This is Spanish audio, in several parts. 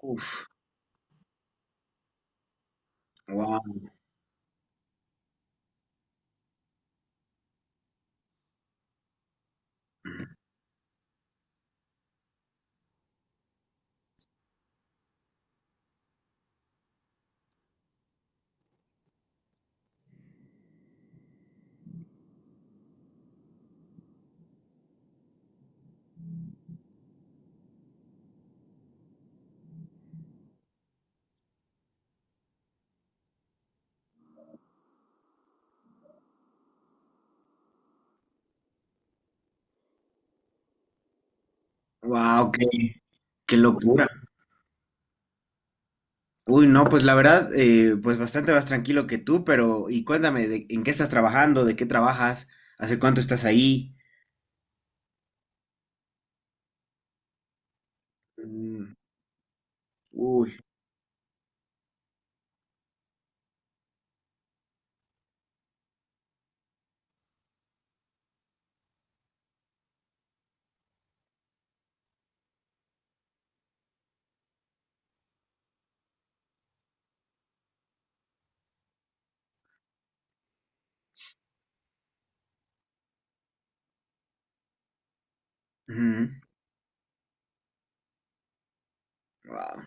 Uf, wow, wow, qué locura. Uy, no, pues la verdad, pues bastante más tranquilo que tú, pero y cuéntame, ¿en qué estás trabajando? ¿De qué trabajas? ¿Hace cuánto estás ahí? Mm, uy, ujú, wow.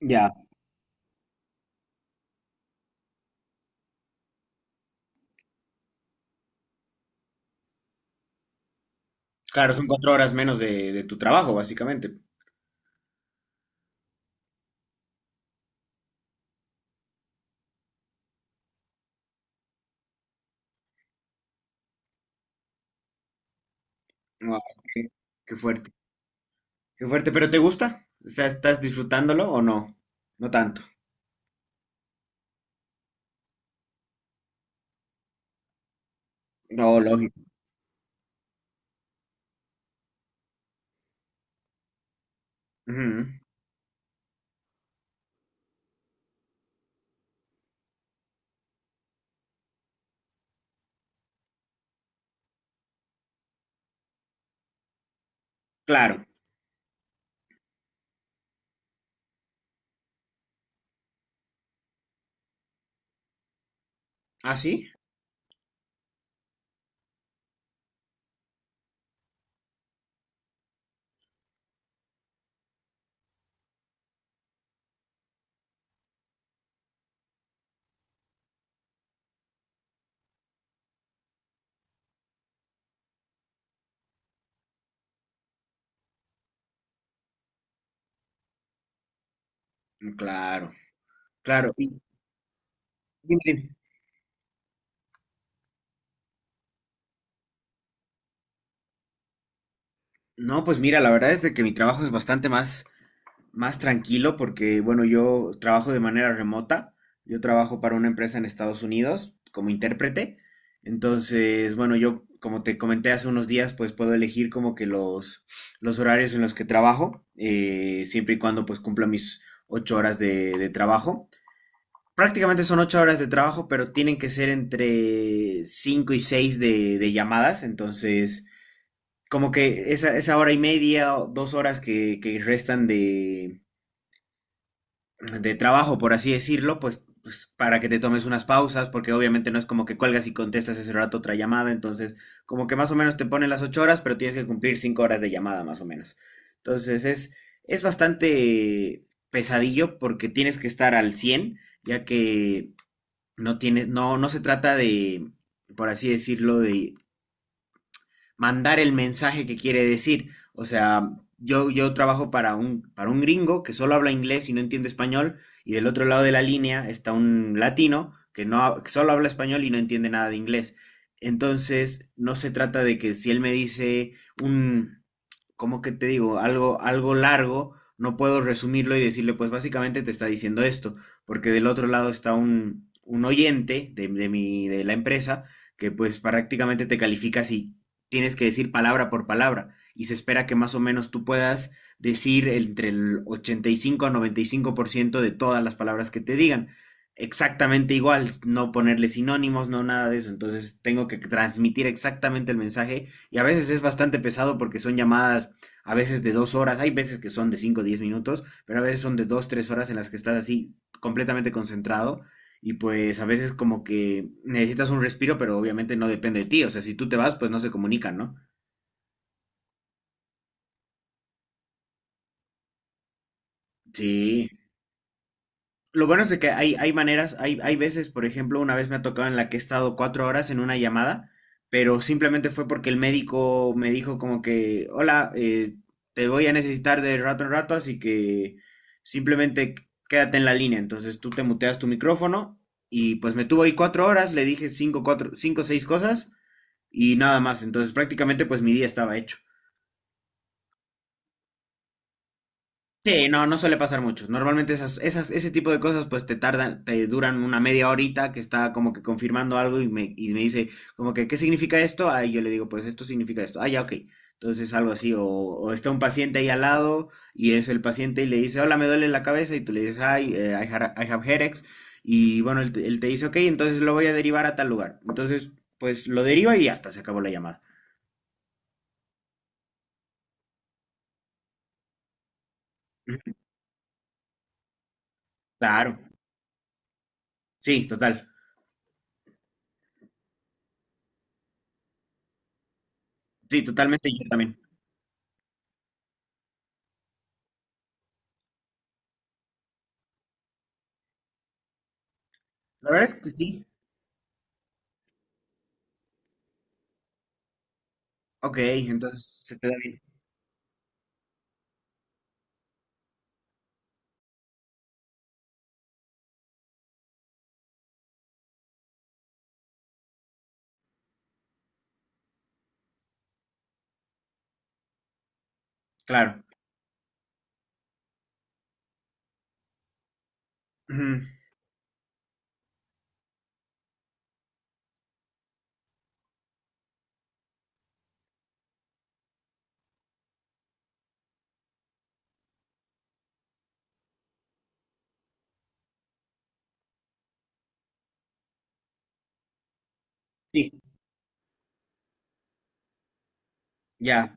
Ya. Claro, son cuatro horas menos de tu trabajo, básicamente. Wow, qué, qué fuerte, qué fuerte, pero ¿te gusta? O sea, ¿estás disfrutándolo o no? No tanto. No, lógico. Ujú, claro. ¿Ah, sí? Claro, claro. Y, dime, dime. No, pues mira, la verdad es de que mi trabajo es bastante más tranquilo porque, bueno, yo trabajo de manera remota. Yo trabajo para una empresa en Estados Unidos como intérprete. Entonces, bueno, yo, como te comenté hace unos días, pues puedo elegir como que los horarios en los que trabajo, siempre y cuando pues cumpla mis 8 horas de trabajo. Prácticamente son 8 horas de trabajo, pero tienen que ser entre cinco y seis de llamadas. Entonces, como que esa hora y media o 2 horas que restan de trabajo, por así decirlo, pues, para que te tomes unas pausas, porque obviamente no es como que cuelgas y contestas ese rato otra llamada, entonces como que más o menos te ponen las 8 horas, pero tienes que cumplir 5 horas de llamada más o menos. Entonces es bastante pesadillo porque tienes que estar al 100 ya que no tienes, no se trata de, por así decirlo, de mandar el mensaje que quiere decir. O sea, yo trabajo para para un gringo que solo habla inglés y no entiende español, y del otro lado de la línea está un latino que, no, que solo habla español y no entiende nada de inglés. Entonces, no se trata de que si él me dice un, ¿cómo que te digo? Algo largo, no puedo resumirlo y decirle, pues básicamente te está diciendo esto, porque del otro lado está un oyente de la empresa que pues prácticamente te califica si tienes que decir palabra por palabra y se espera que más o menos tú puedas decir entre el 85 a 95% de todas las palabras que te digan. Exactamente igual, no ponerle sinónimos, no nada de eso. Entonces tengo que transmitir exactamente el mensaje y a veces es bastante pesado porque son llamadas a veces de 2 horas, hay veces que son de cinco o 10 minutos, pero a veces son de 2, 3 horas en las que estás así completamente concentrado y pues a veces como que necesitas un respiro, pero obviamente no depende de ti. O sea, si tú te vas, pues no se comunican, ¿no? Sí. Lo bueno es de que hay maneras, hay veces, por ejemplo, una vez me ha tocado en la que he estado 4 horas en una llamada, pero simplemente fue porque el médico me dijo como que, hola, te voy a necesitar de rato en rato, así que simplemente quédate en la línea. Entonces tú te muteas tu micrófono y pues me tuvo ahí 4 horas, le dije cinco, cuatro, cinco, seis cosas y nada más. Entonces prácticamente pues mi día estaba hecho. Sí, no suele pasar mucho. Normalmente ese tipo de cosas pues te tardan, te duran una media horita que está como que confirmando algo y me dice como que, ¿qué significa esto? Ah, y yo le digo, pues esto significa esto. Ah, ya, ok. Entonces algo así, o está un paciente ahí al lado y es el paciente y le dice, hola, me duele la cabeza y tú le dices, ay, I have headaches. Y bueno, él te dice, ok, entonces lo voy a derivar a tal lugar. Entonces, pues lo deriva y hasta se acabó la llamada. Ujú. Claro, sí, total. Sí, totalmente, yo también. La verdad es que sí. Ok, entonces se te da bien. Claro. Ujú, sí, ya.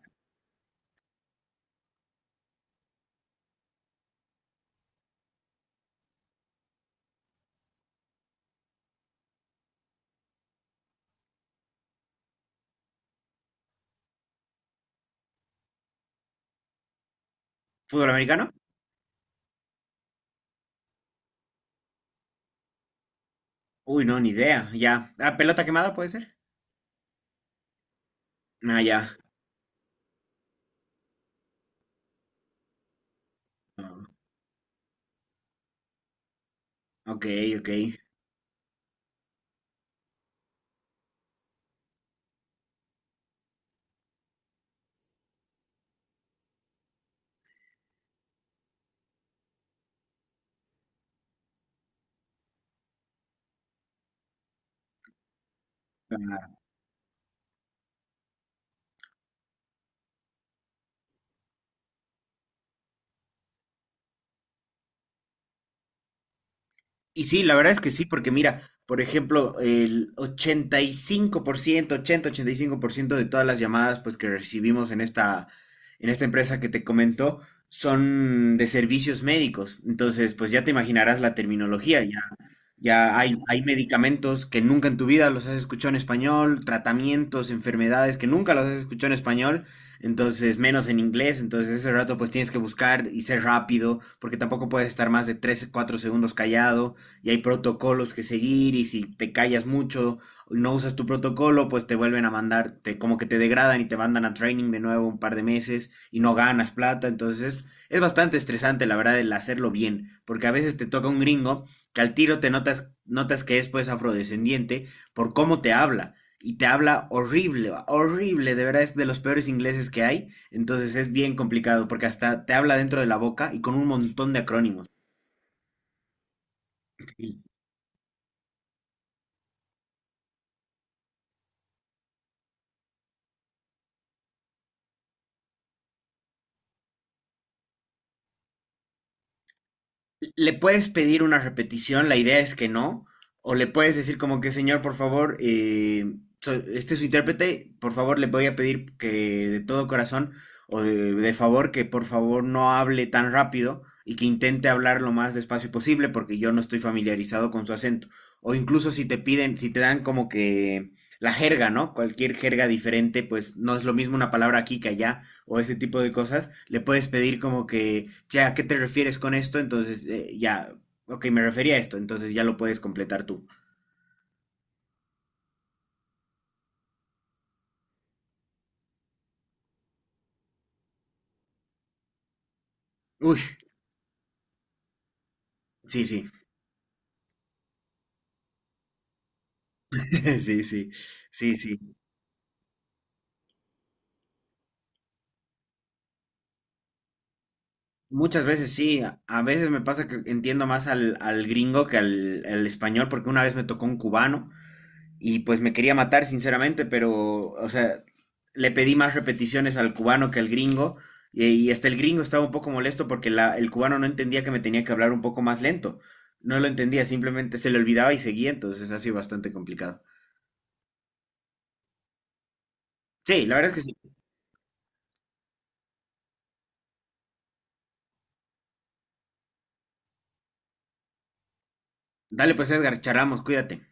¿Fútbol americano? Uy, no, ni idea. Ya. Ah, ¿pelota quemada puede ser? Ah, ya. Ah, ok, ok. Y sí, la verdad es que sí, porque mira, por ejemplo, el ochenta y cinco por ciento ochenta-ochenta y cinco por ciento de todas las llamadas pues que recibimos en esta empresa que te comento son de servicios médicos. Entonces, pues ya te imaginarás la terminología, ya hay medicamentos que nunca en tu vida los has escuchado en español, tratamientos, enfermedades que nunca los has escuchado en español, entonces menos en inglés, entonces ese rato pues tienes que buscar y ser rápido, porque tampoco puedes estar más de 3 4 segundos callado y hay protocolos que seguir y si te callas mucho, no usas tu protocolo, pues te vuelven a mandar, como que te degradan y te mandan a training de nuevo un par de meses y no ganas plata, entonces es bastante estresante la verdad el hacerlo bien, porque a veces te toca un gringo que al tiro notas que es pues afrodescendiente por cómo te habla. Y te habla horrible, horrible, de verdad es de los peores ingleses que hay. Entonces es bien complicado porque hasta te habla dentro de la boca y con un montón de acrónimos. Le puedes pedir una repetición, la idea es que no, o le puedes decir como que, señor, por favor, este es su intérprete, por favor, le voy a pedir que de todo corazón o de favor que por favor no hable tan rápido y que intente hablar lo más despacio posible porque yo no estoy familiarizado con su acento. O incluso si te piden, si te dan como que la jerga, ¿no? Cualquier jerga diferente, pues no es lo mismo una palabra aquí que allá o ese tipo de cosas, le puedes pedir como que, ya, ¿a qué te refieres con esto? Entonces, ya, ok, me refería a esto, entonces ya lo puedes completar tú. Uy, sí, sí, sí, sí, sí, sí. Muchas veces sí, a veces me pasa que entiendo más al gringo que al español, porque una vez me tocó un cubano y pues me quería matar, sinceramente, pero, o sea, le pedí más repeticiones al cubano que al gringo. Y hasta el gringo estaba un poco molesto porque el cubano no entendía que me tenía que hablar un poco más lento. No lo entendía, simplemente se le olvidaba y seguía, entonces ha sido bastante complicado. Sí, la verdad es que sí. Dale pues Edgar, charlamos, cuídate.